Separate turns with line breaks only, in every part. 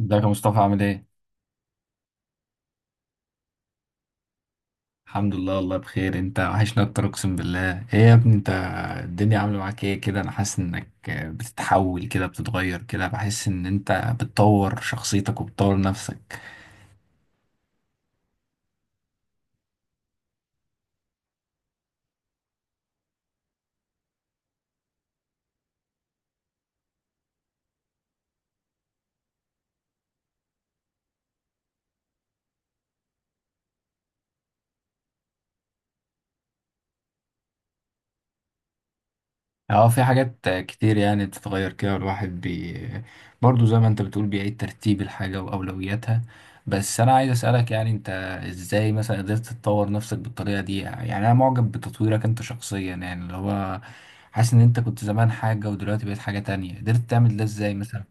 ازيك يا مصطفى، عامل ايه؟ الحمد لله، والله بخير. انت وحشنا اكتر، اقسم بالله. ايه يا ابني، انت الدنيا عامله معاك ايه كده؟ انا حاسس انك بتتحول كده، بتتغير كده، بحس ان انت بتطور شخصيتك وبتطور نفسك. اه، في حاجات كتير يعني بتتغير كده، والواحد برضه زي ما انت بتقول بيعيد ترتيب الحاجة وأولوياتها. بس أنا عايز أسألك، يعني انت ازاي مثلا قدرت تطور نفسك بالطريقة دي؟ يعني أنا معجب بتطويرك انت شخصيا، يعني اللي هو حاسس إن انت كنت زمان حاجة ودلوقتي بقيت حاجة تانية. قدرت تعمل ده ازاي مثلا؟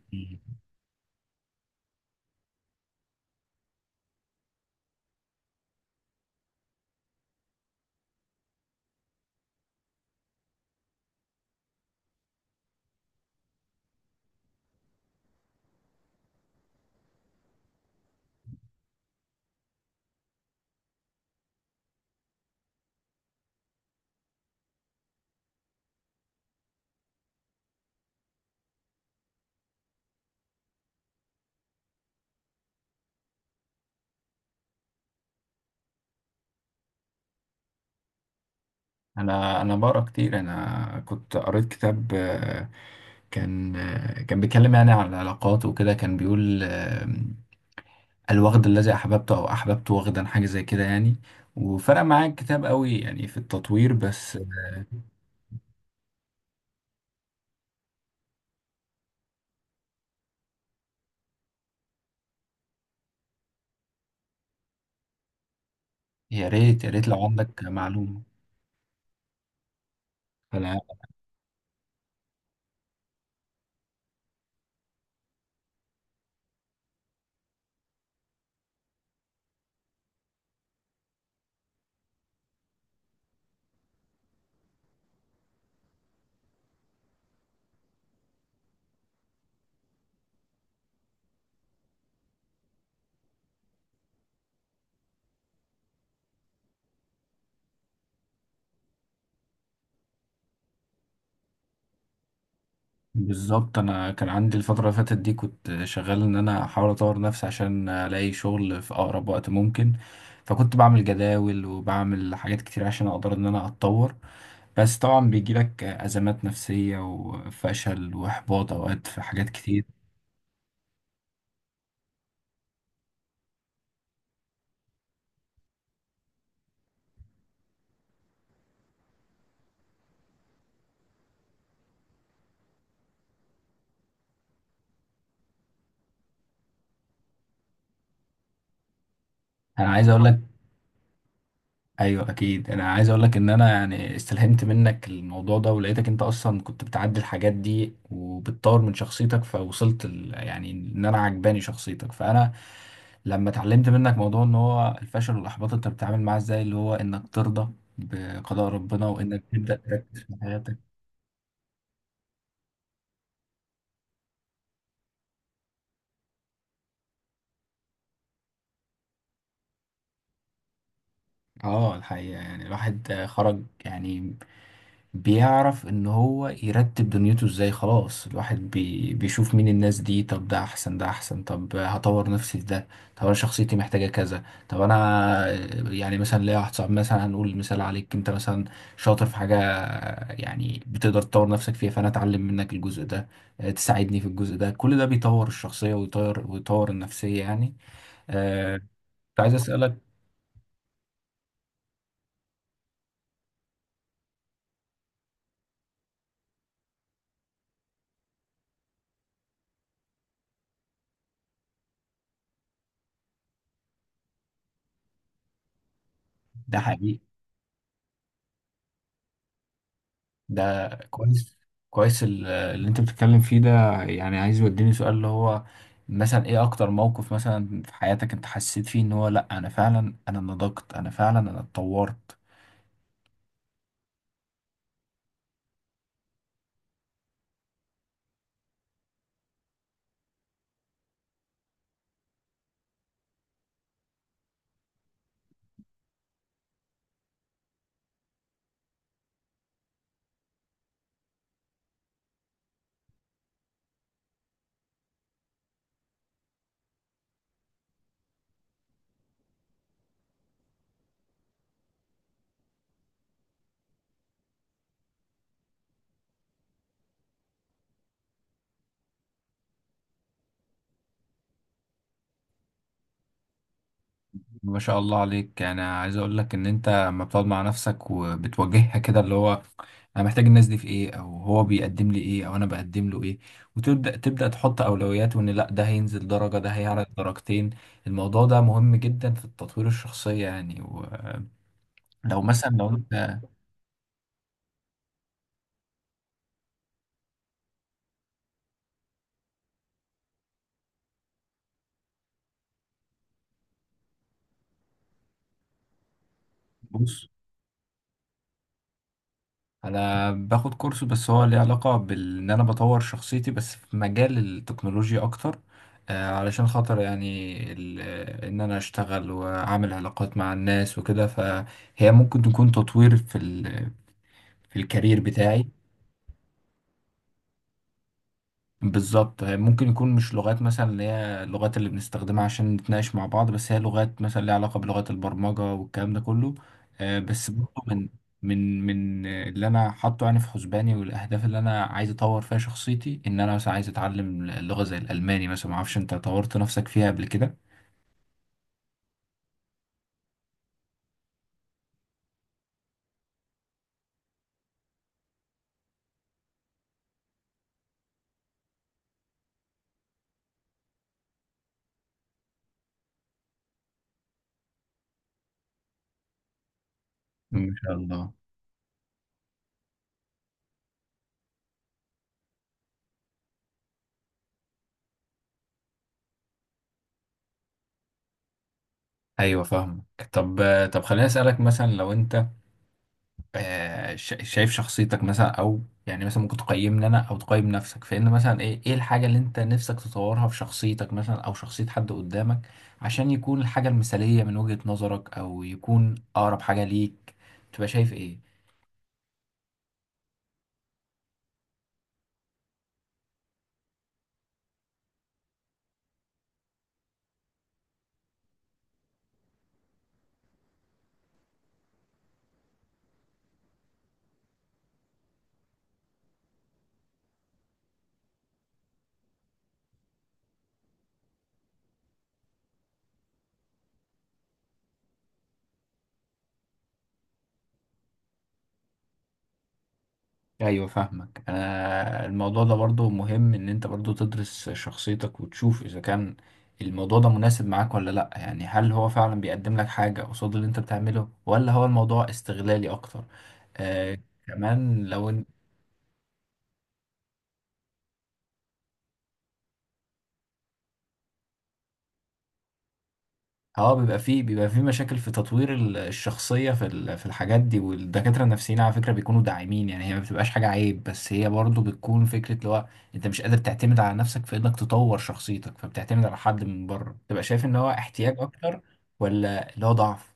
أنا بقرأ كتير. أنا كنت قريت كتاب، كان كان بيتكلم يعني عن العلاقات وكده، كان بيقول: الوغد الذي أحببته، أو أحببت وغدا، حاجة زي كده يعني. وفرق معايا الكتاب قوي يعني في التطوير. بس يا ريت يا ريت لو عندك معلومة. أنا، بالظبط، أنا كان عندي الفترة اللي فاتت دي كنت شغال إن أنا أحاول أطور نفسي عشان ألاقي شغل في أقرب وقت ممكن. فكنت بعمل جداول وبعمل حاجات كتير عشان أقدر إن أنا أتطور. بس طبعا بيجيلك أزمات نفسية وفشل وإحباط أوقات في حاجات كتير. أنا عايز أقول لك، ايوه اكيد. انا عايز اقول لك ان انا يعني استلهمت منك الموضوع ده، ولقيتك انت اصلا كنت بتعدي الحاجات دي وبتطور من شخصيتك، فوصلت يعني ان انا عجباني شخصيتك. فانا لما اتعلمت منك موضوع ان هو الفشل والاحباط انت بتتعامل معاه ازاي، اللي هو انك ترضى بقضاء ربنا وانك تبدا تركز في حياتك. اه، الحقيقه يعني الواحد خرج يعني بيعرف ان هو يرتب دنيته ازاي. خلاص الواحد بيشوف مين الناس دي. طب ده احسن، ده احسن، طب هطور نفسي في ده. طب انا شخصيتي محتاجة كذا. طب انا يعني مثلا ليا واحد صاحبي، مثلا هنقول مثال عليك انت مثلا، شاطر في حاجة، يعني بتقدر تطور نفسك فيها، فانا اتعلم منك الجزء ده. تساعدني في الجزء ده. كل ده بيطور الشخصية ويطور النفسية يعني. آه، كنت عايز اسألك. ده حقيقي، ده كويس. كويس اللي انت بتتكلم فيه ده، يعني عايز يوديني سؤال اللي هو مثلا ايه اكتر موقف مثلا في حياتك انت حسيت فيه ان هو، لا، انا فعلا انا نضجت، انا فعلا انا اتطورت. ما شاء الله عليك. يعني عايز اقول لك ان انت لما بتقعد مع نفسك وبتواجهها كده، اللي هو انا محتاج الناس دي في ايه، او هو بيقدم لي ايه، او انا بقدم له ايه، وتبدا تحط اولويات، وان لا ده هينزل درجه، ده هيعلى درجتين. الموضوع ده مهم جدا في التطوير الشخصيه يعني. لو مثلا لو انت... بص، انا باخد كورس، بس هو ليه علاقه بان انا بطور شخصيتي، بس في مجال التكنولوجيا اكتر. علشان خاطر يعني ان انا اشتغل واعمل علاقات مع الناس وكده، فهي ممكن تكون تطوير في في الكارير بتاعي. بالظبط، ممكن يكون مش لغات مثلا اللي هي اللغات اللي بنستخدمها عشان نتناقش مع بعض، بس هي لغات مثلا ليها علاقة بلغات البرمجة والكلام ده كله. بس برضه من اللي انا حاطه يعني في حسباني والاهداف اللي انا عايز اطور فيها شخصيتي، ان انا مثلا عايز اتعلم لغة زي الالماني مثلا. ما اعرفش انت طورت نفسك فيها قبل كده. ما شاء الله. ايوه فاهمك. طب طب خليني اسالك، مثلا لو انت شايف شخصيتك مثلا، او يعني مثلا ممكن تقيمني انا او تقيم نفسك، فان مثلا ايه الحاجه اللي انت نفسك تطورها في شخصيتك مثلا او شخصيه حد قدامك عشان يكون الحاجه المثاليه من وجهه نظرك، او يكون اقرب حاجه ليك، تبقى شايف ايه؟ ايوه فاهمك. انا الموضوع ده برضو مهم ان انت برضو تدرس شخصيتك وتشوف اذا كان الموضوع ده مناسب معاك ولا لا. يعني هل هو فعلا بيقدم لك حاجه قصاد اللي انت بتعمله، ولا هو الموضوع استغلالي اكتر؟ آه، كمان لو... اه، بيبقى فيه مشاكل في تطوير الشخصية في في الحاجات دي. والدكاترة النفسيين على فكرة بيكونوا داعمين، يعني هي ما بتبقاش حاجة عيب، بس هي برضو بتكون فكرة اللي هو انت مش قادر تعتمد على نفسك في انك تطور شخصيتك، فبتعتمد على حد من بره. تبقى شايف ان هو احتياج اكتر، ولا اللي هو ضعف؟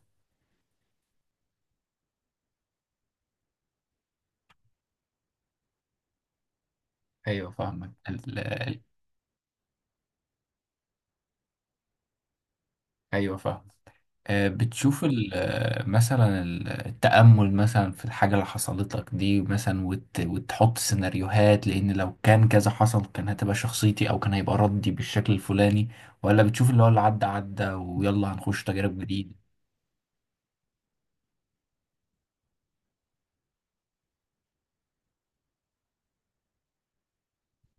ايوه فاهمك ايوه فاهم. بتشوف مثلا التأمل مثلا في الحاجة اللي حصلت لك دي مثلا، وتحط سيناريوهات، لأن لو كان كذا حصل كان هتبقى شخصيتي، أو كان هيبقى ردي بالشكل الفلاني، ولا بتشوف اللي هو اللي عدى عدى ويلا هنخش تجارب جديدة؟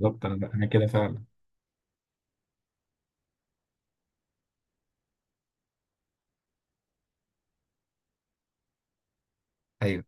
بالظبط. انا كده فعلا. ايوه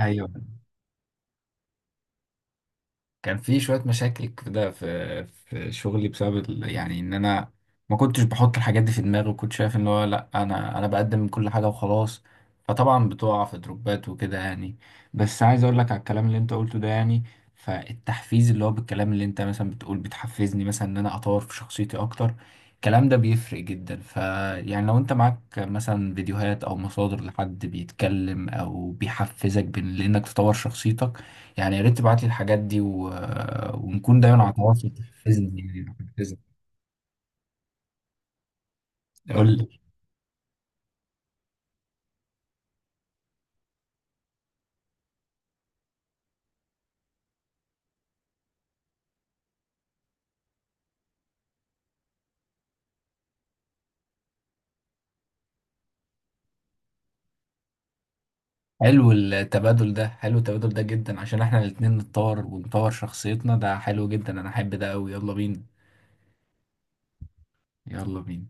ايوه. كان في شوية مشاكل كده في شغلي بسبب يعني ان انا ما كنتش بحط الحاجات دي في دماغي، وكنت شايف ان هو، لا، انا بقدم كل حاجة وخلاص. فطبعا بتقع في دروبات وكده يعني. بس عايز اقول لك على الكلام اللي انت قلته ده، يعني فالتحفيز اللي هو بالكلام اللي انت مثلا بتقول بتحفزني مثلا ان انا اطور في شخصيتي اكتر، الكلام ده بيفرق جدا. فيعني لو انت معاك مثلا فيديوهات او مصادر لحد بيتكلم او بيحفزك بان لانك تطور شخصيتك، يعني يا ريت تبعت لي الحاجات دي ونكون دايما على تواصل. تحفزني يعني تحفزني. قول لي. حلو التبادل ده، حلو التبادل ده جدا عشان احنا الاتنين نتطور ونطور شخصيتنا. ده حلو جدا، انا احب ده قوي. يلا بينا. يلا بينا.